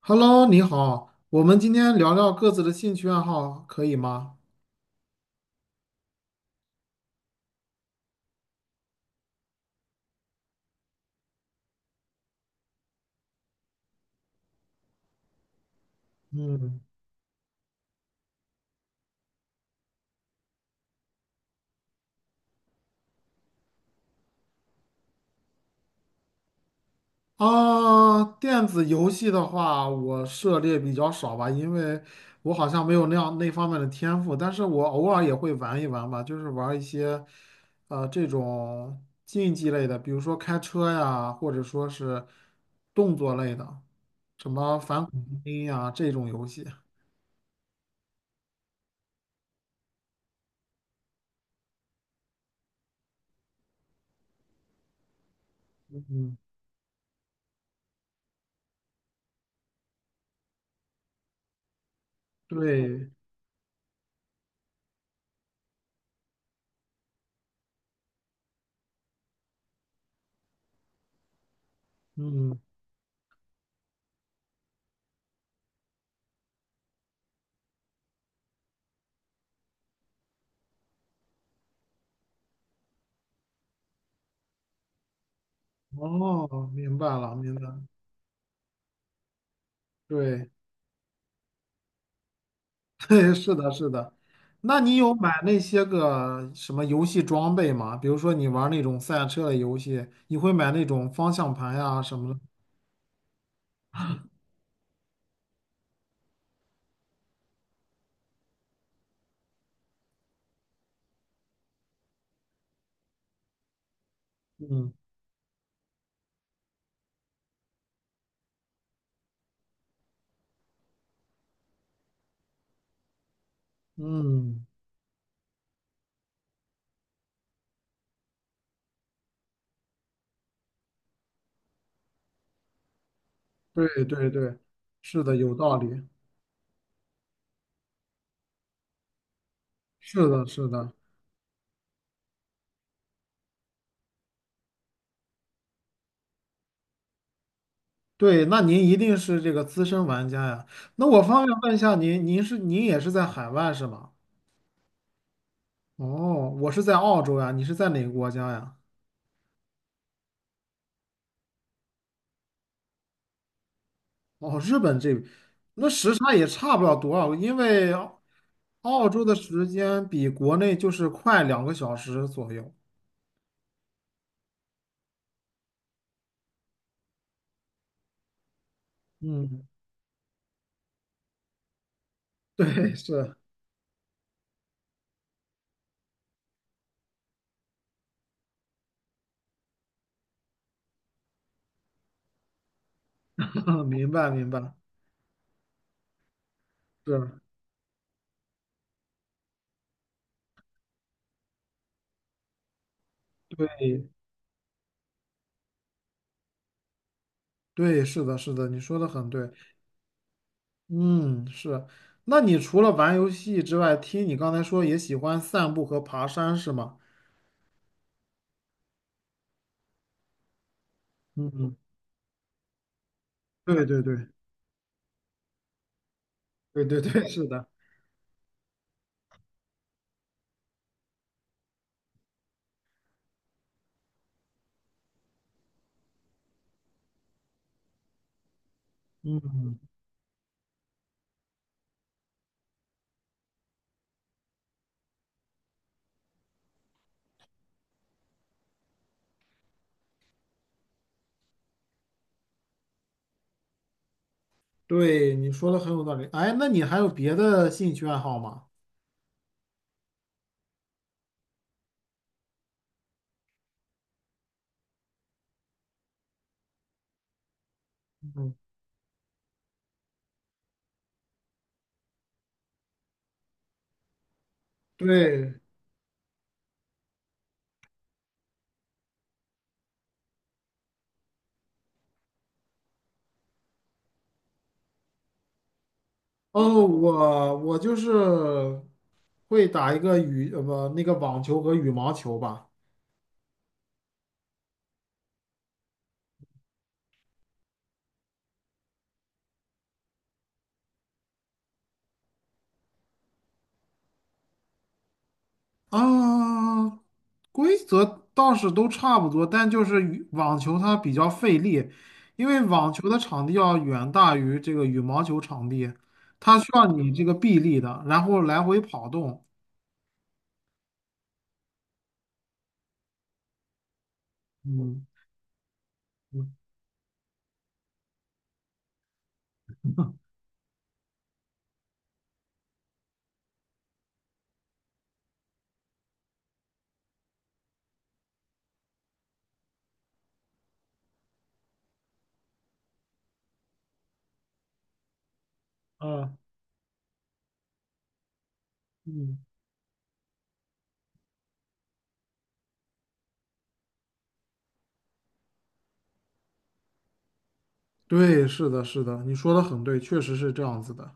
Hello，你好，我们今天聊聊各自的兴趣爱好，可以吗？嗯，啊，电子游戏的话，我涉猎比较少吧，因为我好像没有那样那方面的天赋，但是我偶尔也会玩一玩吧，就是玩一些，这种竞技类的，比如说开车呀，或者说是动作类的，什么反恐精英呀这种游戏。对，嗯，哦，明白了，明白了，对。对，是的，是的。那你有买那些个什么游戏装备吗？比如说你玩那种赛车的游戏，你会买那种方向盘呀、什么的。嗯嗯，对，是的，有道理。是的，是的，对。那您一定是这个资深玩家呀。那我方便问一下您，您是您也是在海外是吗？哦，我是在澳洲呀，你是在哪个国家呀？哦，日本这，那时差也差不了多少，因为澳洲的时间比国内就是快两个小时左右。嗯，对，是，明白明白，是，对对，是的，是的，你说的很对。嗯，是。那你除了玩游戏之外，听你刚才说也喜欢散步和爬山是吗？嗯，对对对对，是的。嗯，对，你说的很有道理。哎，那你还有别的兴趣爱好吗？嗯，对。哦，我就是会打一个羽，呃，不，那个网球和羽毛球吧。啊，规则倒是都差不多，但就是羽网球它比较费力，因为网球的场地要远大于这个羽毛球场地，它需要你这个臂力的，然后来回跑动。嗯嗯嗯嗯，对，是的，是的，你说的很对，确实是这样子的。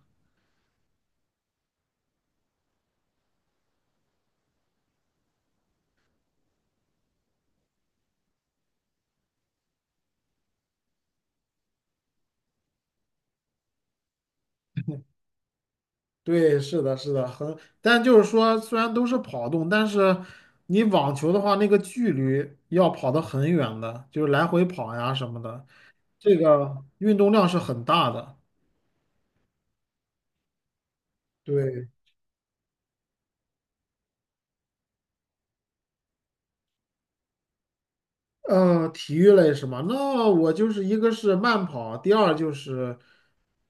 对，是的，是的，很，但就是说，虽然都是跑动，但是你网球的话，那个距离要跑得很远的，就是来回跑呀什么的，这个运动量是很大的。对，体育类是吗？那我就是一个是慢跑，第二就是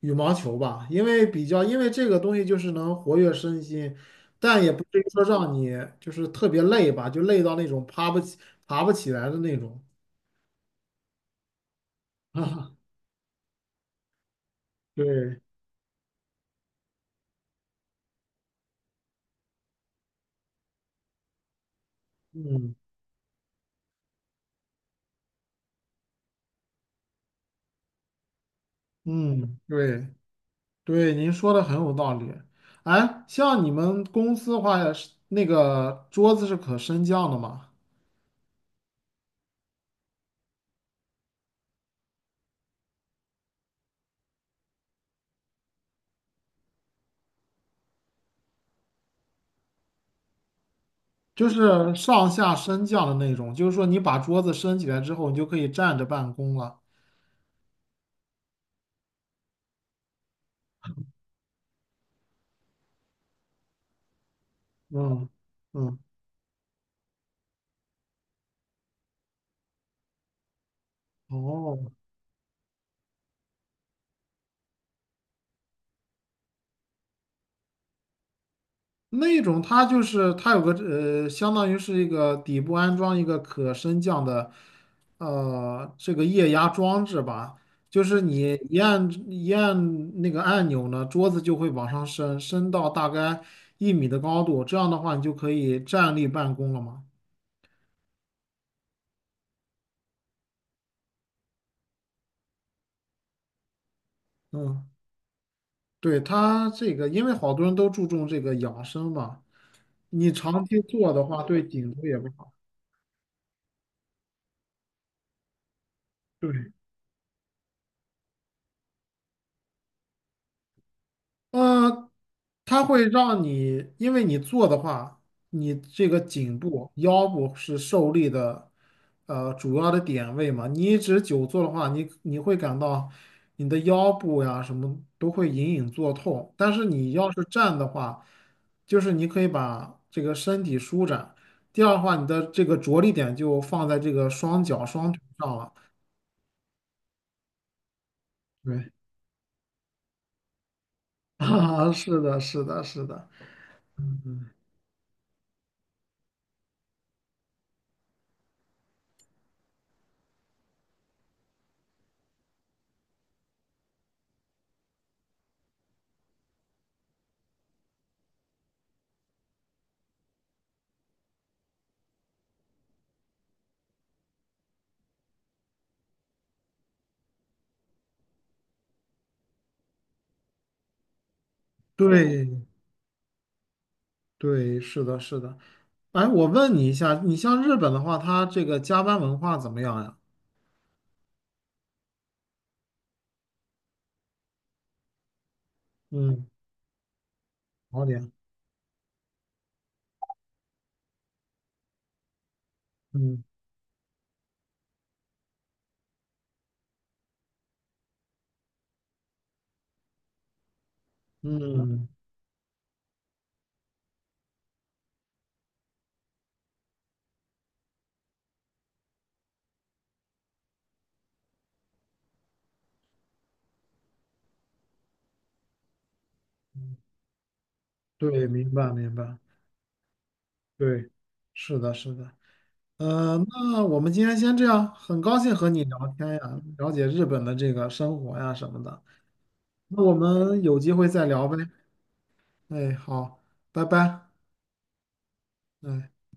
羽毛球吧，因为比较，因为这个东西就是能活跃身心，但也不至于说让你就是特别累吧，就累到那种爬不起来的那种。对，嗯。嗯，对对，您说的很有道理。哎，像你们公司的话，是那个桌子是可升降的吗？就是上下升降的那种，就是说你把桌子升起来之后，你就可以站着办公了。嗯嗯，哦，那种它就是它有个相当于是一个底部安装一个可升降的这个液压装置吧，就是你一按那个按钮呢，桌子就会往上升，升到大概一米的高度，这样的话你就可以站立办公了嘛。嗯，对，它这个因为好多人都注重这个养生嘛，你长期坐的话对颈椎也不好。对。呃，它会让你，因为你坐的话，你这个颈部、腰部是受力的，呃，主要的点位嘛。你一直久坐的话，你会感到你的腰部呀什么都会隐隐作痛。但是你要是站的话，就是你可以把这个身体舒展。第二的话，你的这个着力点就放在这个双脚、双腿上了。对，啊，是的，是的，是的，对，对，是的，是的。哎，我问你一下，你像日本的话，它这个加班文化怎么样呀？嗯，好点。嗯嗯，对，明白明白。对，是的，是的。那我们今天先这样，很高兴和你聊天呀，了解日本的这个生活呀什么的。那我们有机会再聊呗。哎，好，拜拜。哎。